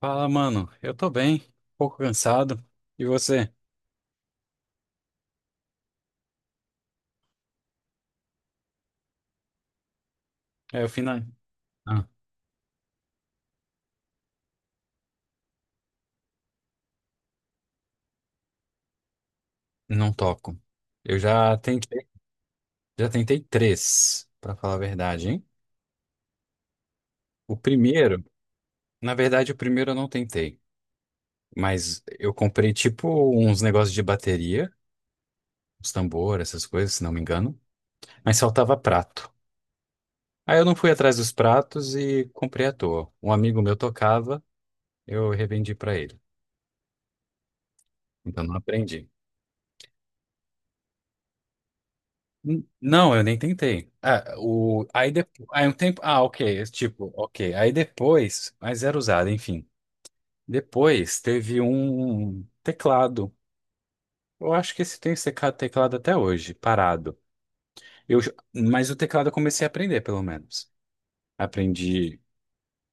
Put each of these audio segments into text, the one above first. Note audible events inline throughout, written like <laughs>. Fala, mano. Eu tô bem, um pouco cansado. E você? É o final. Ah, não toco. Eu já tentei três, pra falar a verdade, hein? O primeiro, o primeiro eu não tentei, mas eu comprei tipo uns negócios de bateria, uns tambor, essas coisas, se não me engano, mas faltava prato. Aí eu não fui atrás dos pratos e comprei à toa. Um amigo meu tocava, eu revendi pra ele. Então não aprendi. Não, eu nem tentei. Ah, o, aí, depois, aí um tempo. Ah, ok. Tipo, ok. Aí depois. Mas era usado, enfim. Depois teve um teclado. Eu acho que esse tem esse teclado até hoje, parado. Mas o teclado eu comecei a aprender, pelo menos. Aprendi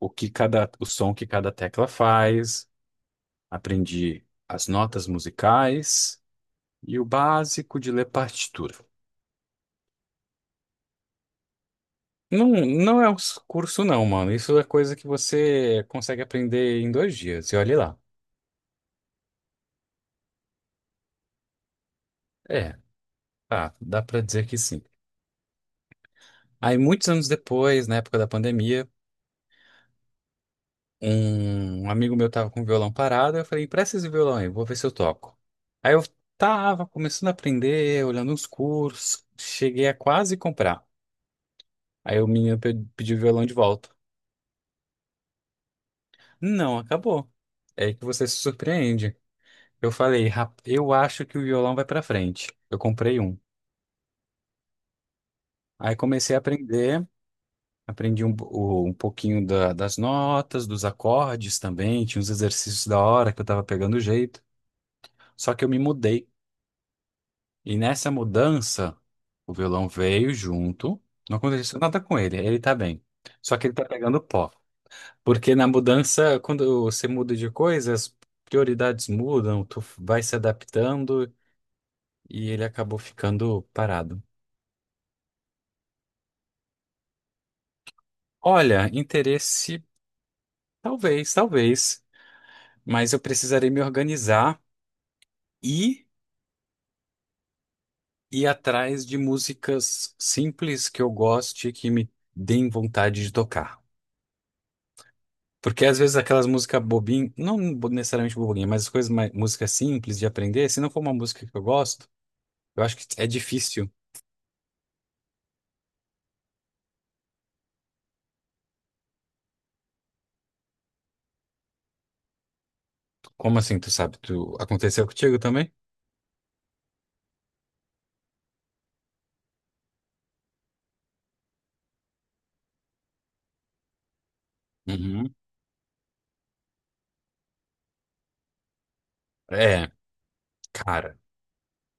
o som que cada tecla faz, aprendi as notas musicais e o básico de ler partitura. Não, não é um curso, não, mano. Isso é coisa que você consegue aprender em dois dias. E olhe lá. É, tá, dá pra dizer que sim. Aí, muitos anos depois, na época da pandemia, um amigo meu tava com o violão parado. Eu falei, empresta esse violão aí, vou ver se eu toco. Aí eu tava começando a aprender, olhando uns cursos, cheguei a quase comprar. Aí o menino pediu o violão de volta. Não, acabou. É aí que você se surpreende. Eu falei, eu acho que o violão vai pra frente. Eu comprei um. Aí comecei a aprender, aprendi um pouquinho das notas, dos acordes também, tinha uns exercícios da hora que eu tava pegando jeito. Só que eu me mudei. E nessa mudança, o violão veio junto, não aconteceu nada com ele, ele tá bem. Só que ele tá pegando pó. Porque na mudança, quando você muda de coisa, as prioridades mudam, tu vai se adaptando e ele acabou ficando parado. Olha, interesse, talvez, talvez, mas eu precisarei me organizar e ir atrás de músicas simples que eu goste, que me deem vontade de tocar. Porque às vezes aquelas músicas bobinhas, não bo- necessariamente bobinha, mas as coisas mais, música simples de aprender, se não for uma música que eu gosto, eu acho que é difícil. Como assim, tu sabe? Tu aconteceu contigo também? Uhum. É, cara,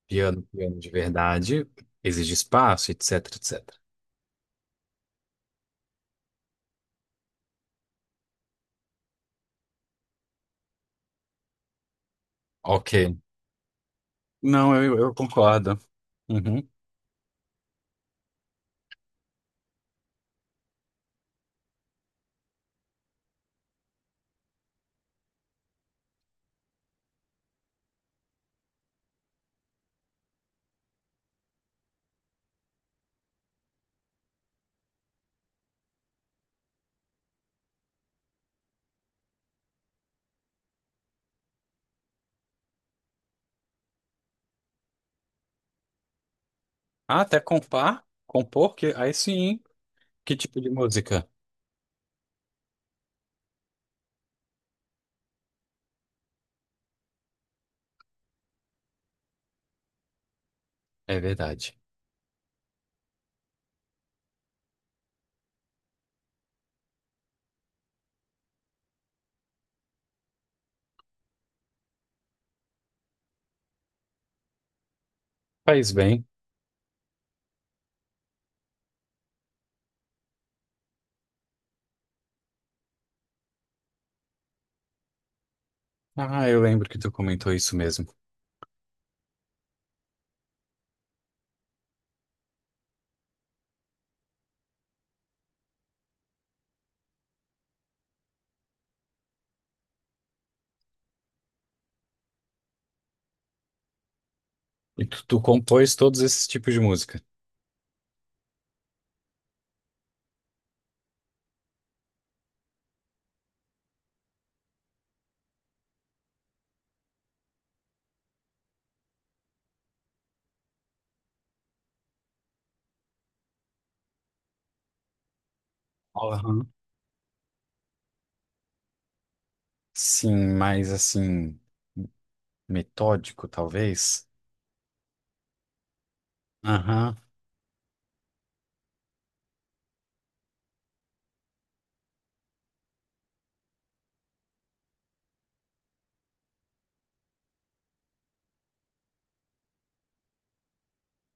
piano, piano de verdade, exige espaço, etc, etc. Ok. Não, Eu concordo. Uhum. Ah, até compar? Compor? Que, aí sim. Que tipo de música? É verdade. Faz bem. Ah, eu lembro que tu comentou isso mesmo. E tu compôs todos esses tipos de música? Aham. Sim, mais assim, metódico, talvez? Aham.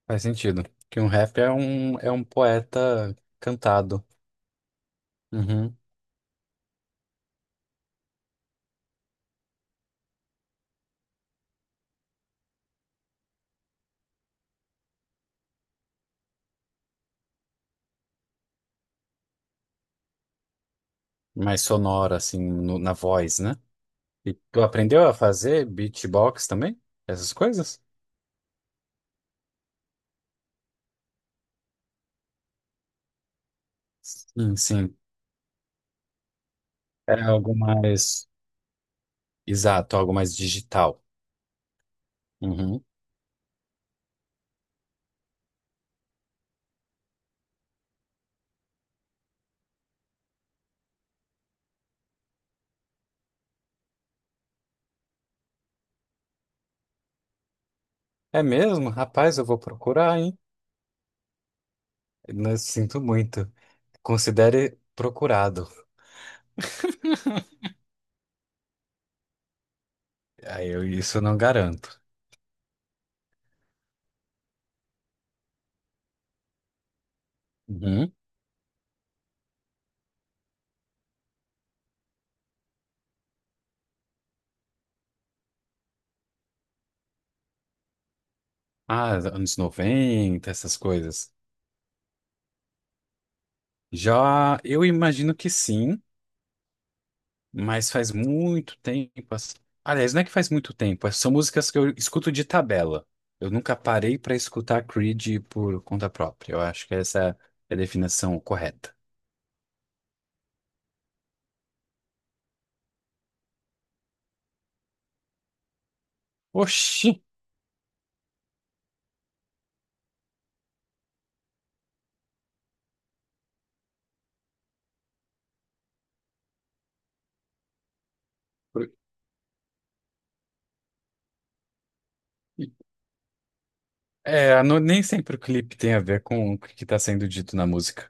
Faz sentido. Que um é um poeta cantado. Uhum. Mais sonoro, assim, na voz, né? E tu aprendeu a fazer beatbox também? Essas coisas? Sim, sim. É algo mais exato, algo mais digital. Uhum. É mesmo? Rapaz, eu vou procurar, hein? Não sinto muito. Considere procurado. Aí eu isso eu não garanto. Uhum. Ah, anos 90, essas coisas. Já, eu imagino que sim, mas faz muito tempo. Aliás, não é que faz muito tempo, é, são músicas que eu escuto de tabela. Eu nunca parei para escutar Creed por conta própria. Eu acho que essa é a definição correta. Oxi! É, nem sempre o clipe tem a ver com o que está sendo dito na música.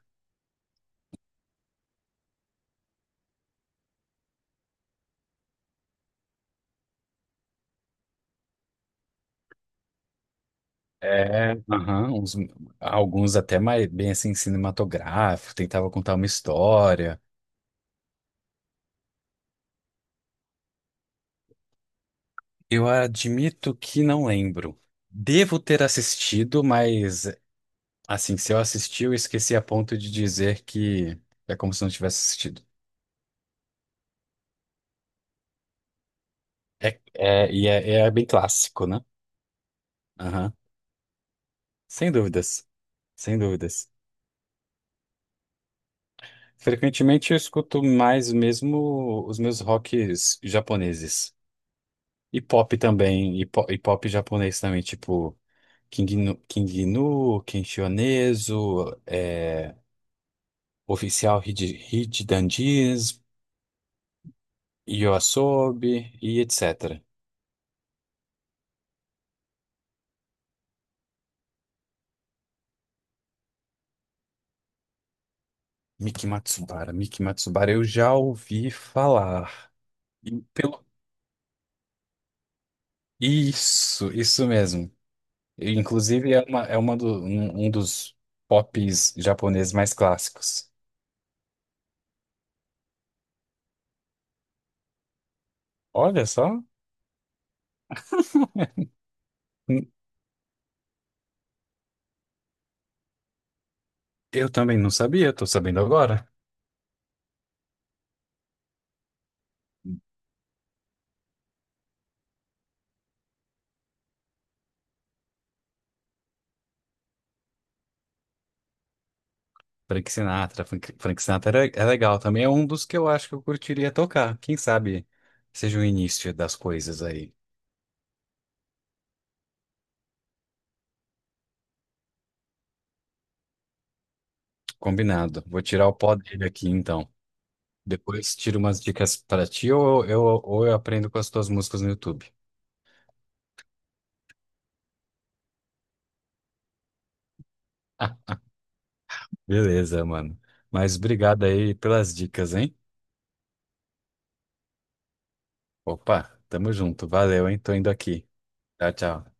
É, aham, alguns até mais bem assim cinematográfico, tentava contar uma história. Eu admito que não lembro. Devo ter assistido, mas assim, se eu assisti, eu esqueci a ponto de dizer que é como se não tivesse assistido. É bem clássico, né? Aham. Sem dúvidas, sem dúvidas. Frequentemente eu escuto mais mesmo os meus rocks japoneses. E pop também, e pop, japonês também, tipo King Nu, Kenshi Oneso, é, Oficial Hid- Hidanjis, Yoasobi e etc. Miki Matsubara eu já ouvi falar. E pelo... Isso mesmo. É uma um dos pops japoneses mais clássicos. Olha só. Hum, eu também não sabia, tô sabendo agora. Frank Sinatra é, é legal também, é um dos que eu acho que eu curtiria tocar. Quem sabe seja o início das coisas aí. Combinado. Vou tirar o pó dele aqui então. Depois tiro umas dicas pra ti ou ou eu aprendo com as tuas músicas no YouTube. <laughs> Beleza, mano. Mas obrigado aí pelas dicas, hein? Opa, tamo junto. Valeu, hein? Tô indo aqui. Tchau, tchau.